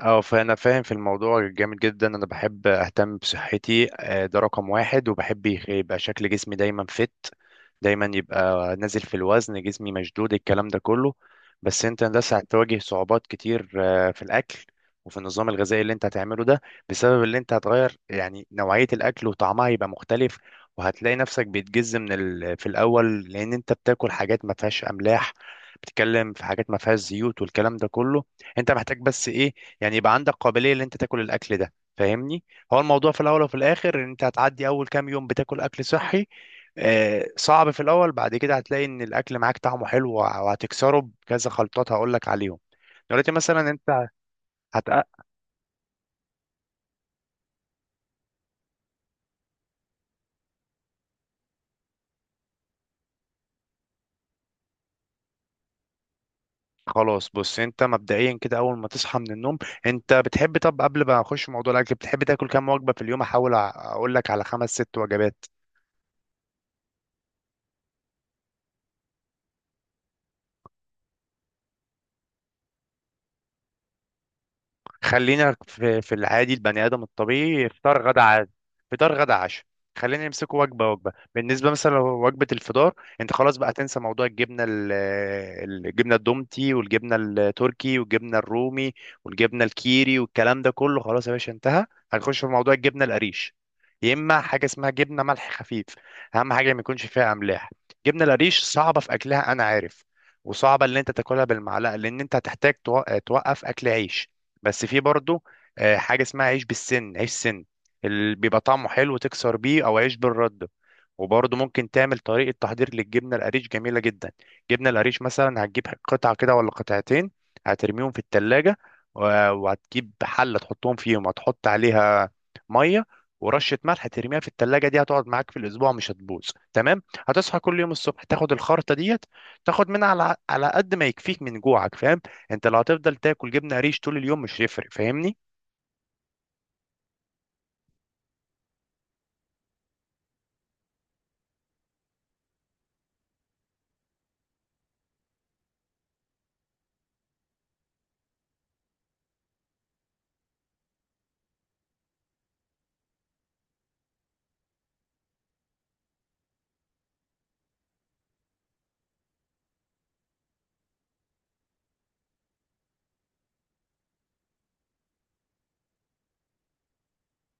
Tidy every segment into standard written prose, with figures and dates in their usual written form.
اه، فانا فاهم في الموضوع جامد جدا. انا بحب اهتم بصحتي، ده رقم واحد. وبحب يبقى شكل جسمي دايما، دايما يبقى نازل في الوزن، جسمي مشدود، الكلام ده كله. بس انت لسه هتواجه صعوبات كتير في الاكل وفي النظام الغذائي اللي انت هتعمله ده، بسبب اللي انت هتغير يعني نوعية الاكل وطعمها يبقى مختلف. وهتلاقي نفسك بيتجز في الاول، لان انت بتاكل حاجات ما فيهاش املاح، بتتكلم في حاجات ما فيهاش زيوت والكلام ده كله. انت محتاج بس ايه؟ يعني يبقى عندك قابليه ان انت تاكل الاكل ده، فاهمني؟ هو الموضوع في الاول وفي الاخر ان انت هتعدي اول كام يوم بتاكل اكل صحي، صعب في الاول. بعد كده هتلاقي ان الاكل معاك طعمه حلو، وهتكسره بكذا خلطات هقول لك عليهم. دلوقتي مثلا انت هتق خلاص، بص، انت مبدئيا كده اول ما تصحى من النوم، انت بتحب طب قبل ما اخش في موضوع الاكل، بتحب تاكل كام وجبه في اليوم؟ احاول اقول لك على خمس ست وجبات. خلينا في العادي، البني ادم الطبيعي فطار غدا عادي، فطار غدا عشاء. خلينا نمسكه وجبه وجبه، بالنسبه مثلا لو وجبه الفطار، انت خلاص بقى تنسى موضوع الجبنه الجبنه الدومتي والجبنه التركي والجبنه الرومي والجبنه الكيري والكلام ده كله، خلاص يا باشا انتهى. هنخش في موضوع الجبنه القريش، يا اما حاجه اسمها جبنه ملح خفيف. اهم حاجه ما يكونش فيها املاح. الجبنه القريش صعبه في اكلها انا عارف، وصعبه ان انت تاكلها بالمعلقه لان انت هتحتاج توقف اكل عيش. بس في برضه حاجه اسمها عيش بالسن، عيش سن، اللي بيبقى طعمه حلو تكسر بيه، او عيش بالرده. وبرضه ممكن تعمل طريقه تحضير للجبنه القريش جميله جدا. جبنه القريش مثلا هتجيب قطعه كده ولا قطعتين، هترميهم في التلاجة، وهتجيب حله تحطهم فيهم، هتحط عليها ميه ورشه ملح، ترميها في التلاجة، دي هتقعد معاك في الاسبوع، مش هتبوظ، تمام؟ هتصحى كل يوم الصبح تاخد الخرطه ديت، تاخد منها على قد ما يكفيك من جوعك، فاهم؟ انت لو هتفضل تاكل جبنه قريش طول اليوم مش هيفرق، فاهمني؟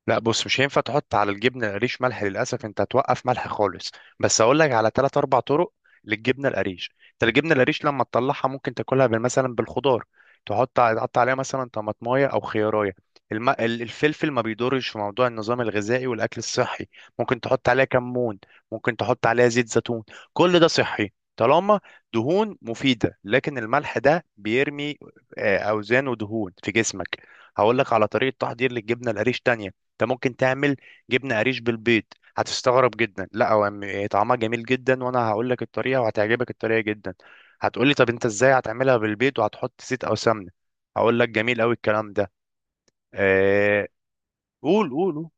لا بص، مش هينفع تحط على الجبنه القريش ملح، للاسف انت هتوقف ملح خالص. بس اقول لك على ثلاث اربع طرق للجبنه القريش. انت الجبنه القريش لما تطلعها ممكن تاكلها مثلا بالخضار، تحط عليها مثلا طماطمايه او خيارايه. الفلفل ما بيضرش في موضوع النظام الغذائي والاكل الصحي، ممكن تحط عليها كمون، ممكن تحط عليها زيت زيتون، كل ده صحي طالما دهون مفيده. لكن الملح ده بيرمي اوزان ودهون في جسمك. هقول لك على طريقه تحضير للجبنه القريش تانية، انت ممكن تعمل جبنه قريش بالبيض. هتستغرب جدا، لا هو طعمها جميل جدا، وانا هقول لك الطريقه وهتعجبك الطريقه جدا. هتقولي طب انت ازاي هتعملها بالبيض وهتحط زيت او سمنه، هقول لك جميل قوي الكلام ده. آه... قول قول قول.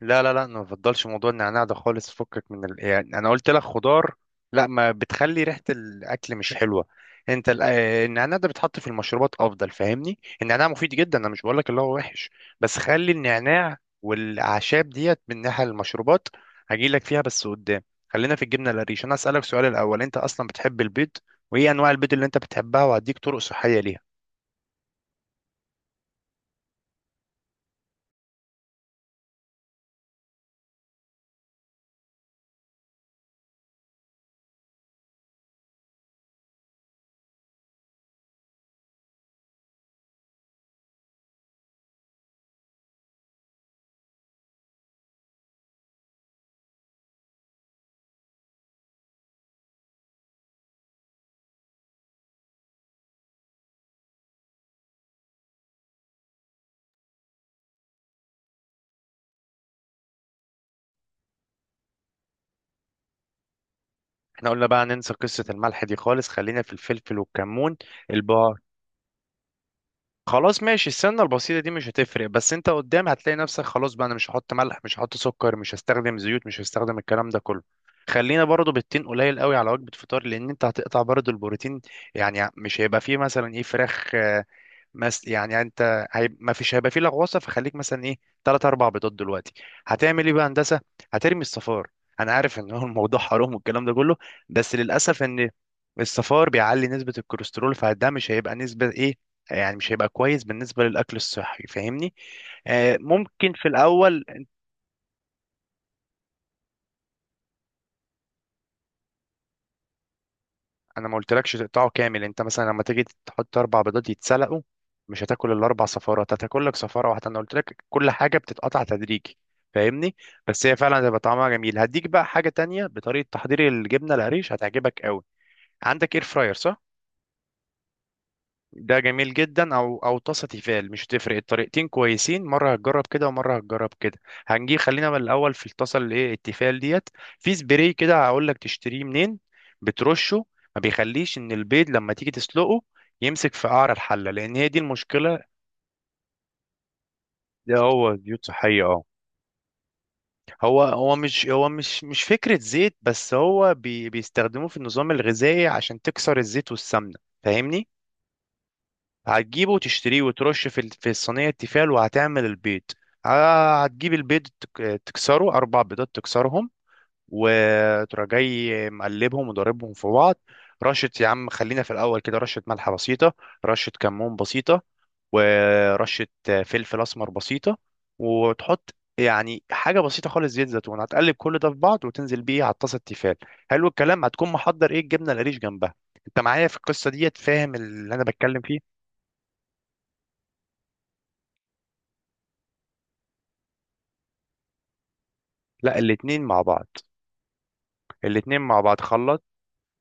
لا لا لا، أنا ما بفضلش موضوع النعناع ده خالص، فكك يعني انا قلت لك خضار. لا، ما بتخلي ريحة الاكل مش حلوة. انت النعناع ده بيتحط في المشروبات افضل، فاهمني؟ النعناع مفيد جدا، انا مش بقول لك اللي هو وحش، بس خلي النعناع والاعشاب ديت من ناحية المشروبات، هجي لك فيها بس قدام. خلينا في الجبنة القريش، انا اسالك سؤال الاول: انت اصلا بتحب البيض؟ وايه انواع البيض اللي انت بتحبها؟ وهديك طرق صحية ليها. احنا قلنا بقى ننسى قصة الملح دي خالص، خلينا في الفلفل والكمون. الب... خلاص ماشي، السنة البسيطة دي مش هتفرق، بس انت قدام هتلاقي نفسك خلاص بقى، انا مش هحط ملح، مش هحط سكر، مش هستخدم زيوت، مش هستخدم الكلام ده كله. خلينا برضو بالتين قليل قوي على وجبة فطار، لان انت هتقطع برضو البروتين، يعني مش هيبقى فيه مثلا ايه فراخ. يعني انت ما فيش، هيبقى فيه لغوصه، فخليك مثلا ايه، ثلاث اربع بيضات دلوقتي. هتعمل ايه بقى هندسه؟ هترمي الصفار. انا عارف ان هو الموضوع حرام والكلام ده كله، بس للاسف ان الصفار بيعلي نسبه الكوليسترول، فده مش هيبقى نسبه ايه، يعني مش هيبقى كويس بالنسبه للاكل الصحي، فاهمني؟ آه، ممكن في الاول. انا ما قلتلكش تقطعه كامل، انت مثلا لما تيجي تحط اربع بيضات يتسلقوا، مش هتاكل الاربع صفارة، انت هتاكل لك صفارة واحدة، انا قلت لك كل حاجة بتتقطع تدريجي، فاهمني؟ بس هي فعلا هتبقى طعمها جميل. هديك بقى حاجة تانية بطريقة تحضير الجبنة القريش هتعجبك قوي. عندك اير فراير؟ صح، ده جميل جدا، او طاسه تيفال، مش تفرق، الطريقتين كويسين، مره هتجرب كده ومره هتجرب كده. هنجي خلينا من الاول في الطاسه اللي ايه التيفال ديت. في سبراي كده هقول لك تشتريه منين، بترشه، ما بيخليش ان البيض لما تيجي تسلقه يمسك في قعر الحله، لان هي دي المشكله. ده هو زيوت صحيه، اه. هو هو مش هو مش فكره زيت، بس هو بيستخدموه في النظام الغذائي عشان تكسر الزيت والسمنه، فاهمني؟ هتجيبه وتشتريه وترش في الصينية التيفال، وهتعمل البيض. هتجيب البيض، تكسره أربع بيضات، تكسرهم وتروح جاي مقلبهم وضاربهم في بعض. رشة يا عم، خلينا في الأول كده رشة ملح بسيطة، رشة كمون بسيطة، ورشة فلفل أسمر بسيطة، وتحط يعني حاجة بسيطة خالص زيت زيتون، هتقلب كل ده في بعض وتنزل بيه على الطاسة التيفال. حلو الكلام. هتكون محضر ايه الجبنة القريش جنبها. انت معايا في القصة ديت؟ فاهم اللي انا بتكلم فيه؟ لا، الاتنين مع بعض، الاتنين مع بعض خلط.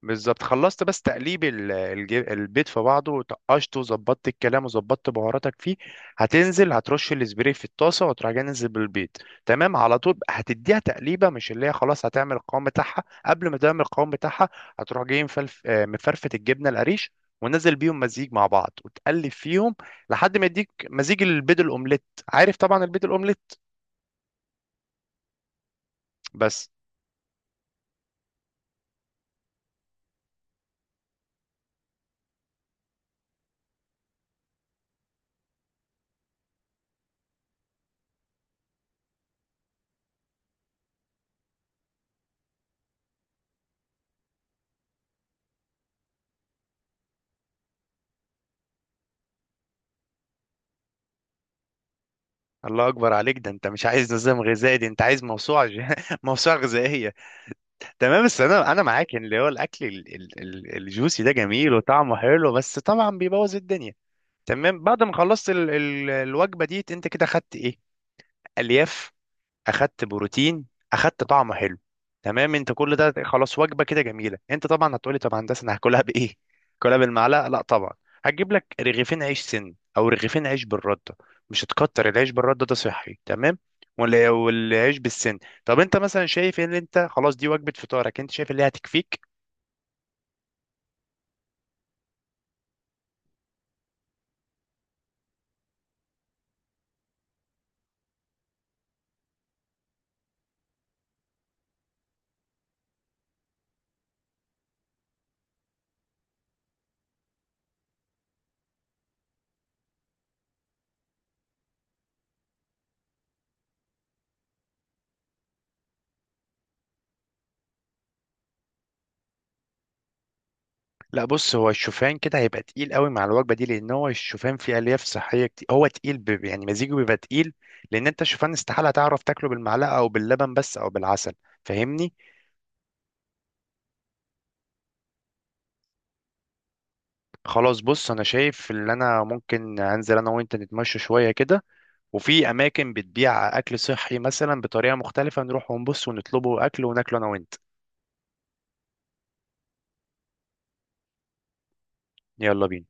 بالظبط. خلصت بس تقليب البيض في بعضه وطقشته وظبطت الكلام وظبطت بهاراتك فيه، هتنزل هترش الاسبري في الطاسه وتروح جاي ننزل بالبيض. تمام على طول هتديها تقليبه، مش اللي هي خلاص هتعمل القوام بتاعها. قبل ما تعمل القوام بتاعها هتروح جاي مفلف آه، مفرفت الجبنه القريش، ونزل بيهم مزيج مع بعض وتقلب فيهم لحد ما يديك مزيج البيض الاومليت. عارف طبعا البيض الاومليت؟ بس الله اكبر عليك، ده انت مش عايز نظام غذائي، دي انت عايز موسوعه غذائيه. تمام، بس انا معاك ان اللي هو الاكل الجوسي ده جميل وطعمه حلو، بس طبعا بيبوظ الدنيا. تمام، بعد ما خلصت الوجبه دي انت كده خدت ايه؟ الياف، اخدت بروتين، اخدت طعمه حلو. تمام، انت كل ده خلاص وجبه كده جميله. انت طبعا هتقولي طب يا هندسه انا هاكلها بايه. هاكلها بالمعلقه؟ لا طبعا. هتجيب لك رغيفين عيش سن او رغيفين عيش بالرده، مش هتكتر، العيش بالرده ده صحي تمام، ولا والعيش بالسن. طب انت مثلا شايف ان انت خلاص دي وجبه فطارك؟ انت شايف اللي هتكفيك؟ لا بص، هو الشوفان كده هيبقى تقيل قوي مع الوجبه دي، لان هو الشوفان فيه الياف صحيه كتير، هو تقيل يعني مزيجه بيبقى تقيل، لان انت الشوفان استحاله تعرف تاكله بالمعلقه او باللبن بس او بالعسل، فاهمني؟ خلاص، بص، انا شايف ان انا ممكن انزل انا وانت نتمشى شويه كده، وفي اماكن بتبيع اكل صحي مثلا بطريقه مختلفه، نروح ونبص ونطلبه اكل وناكله انا وانت. يلا بينا.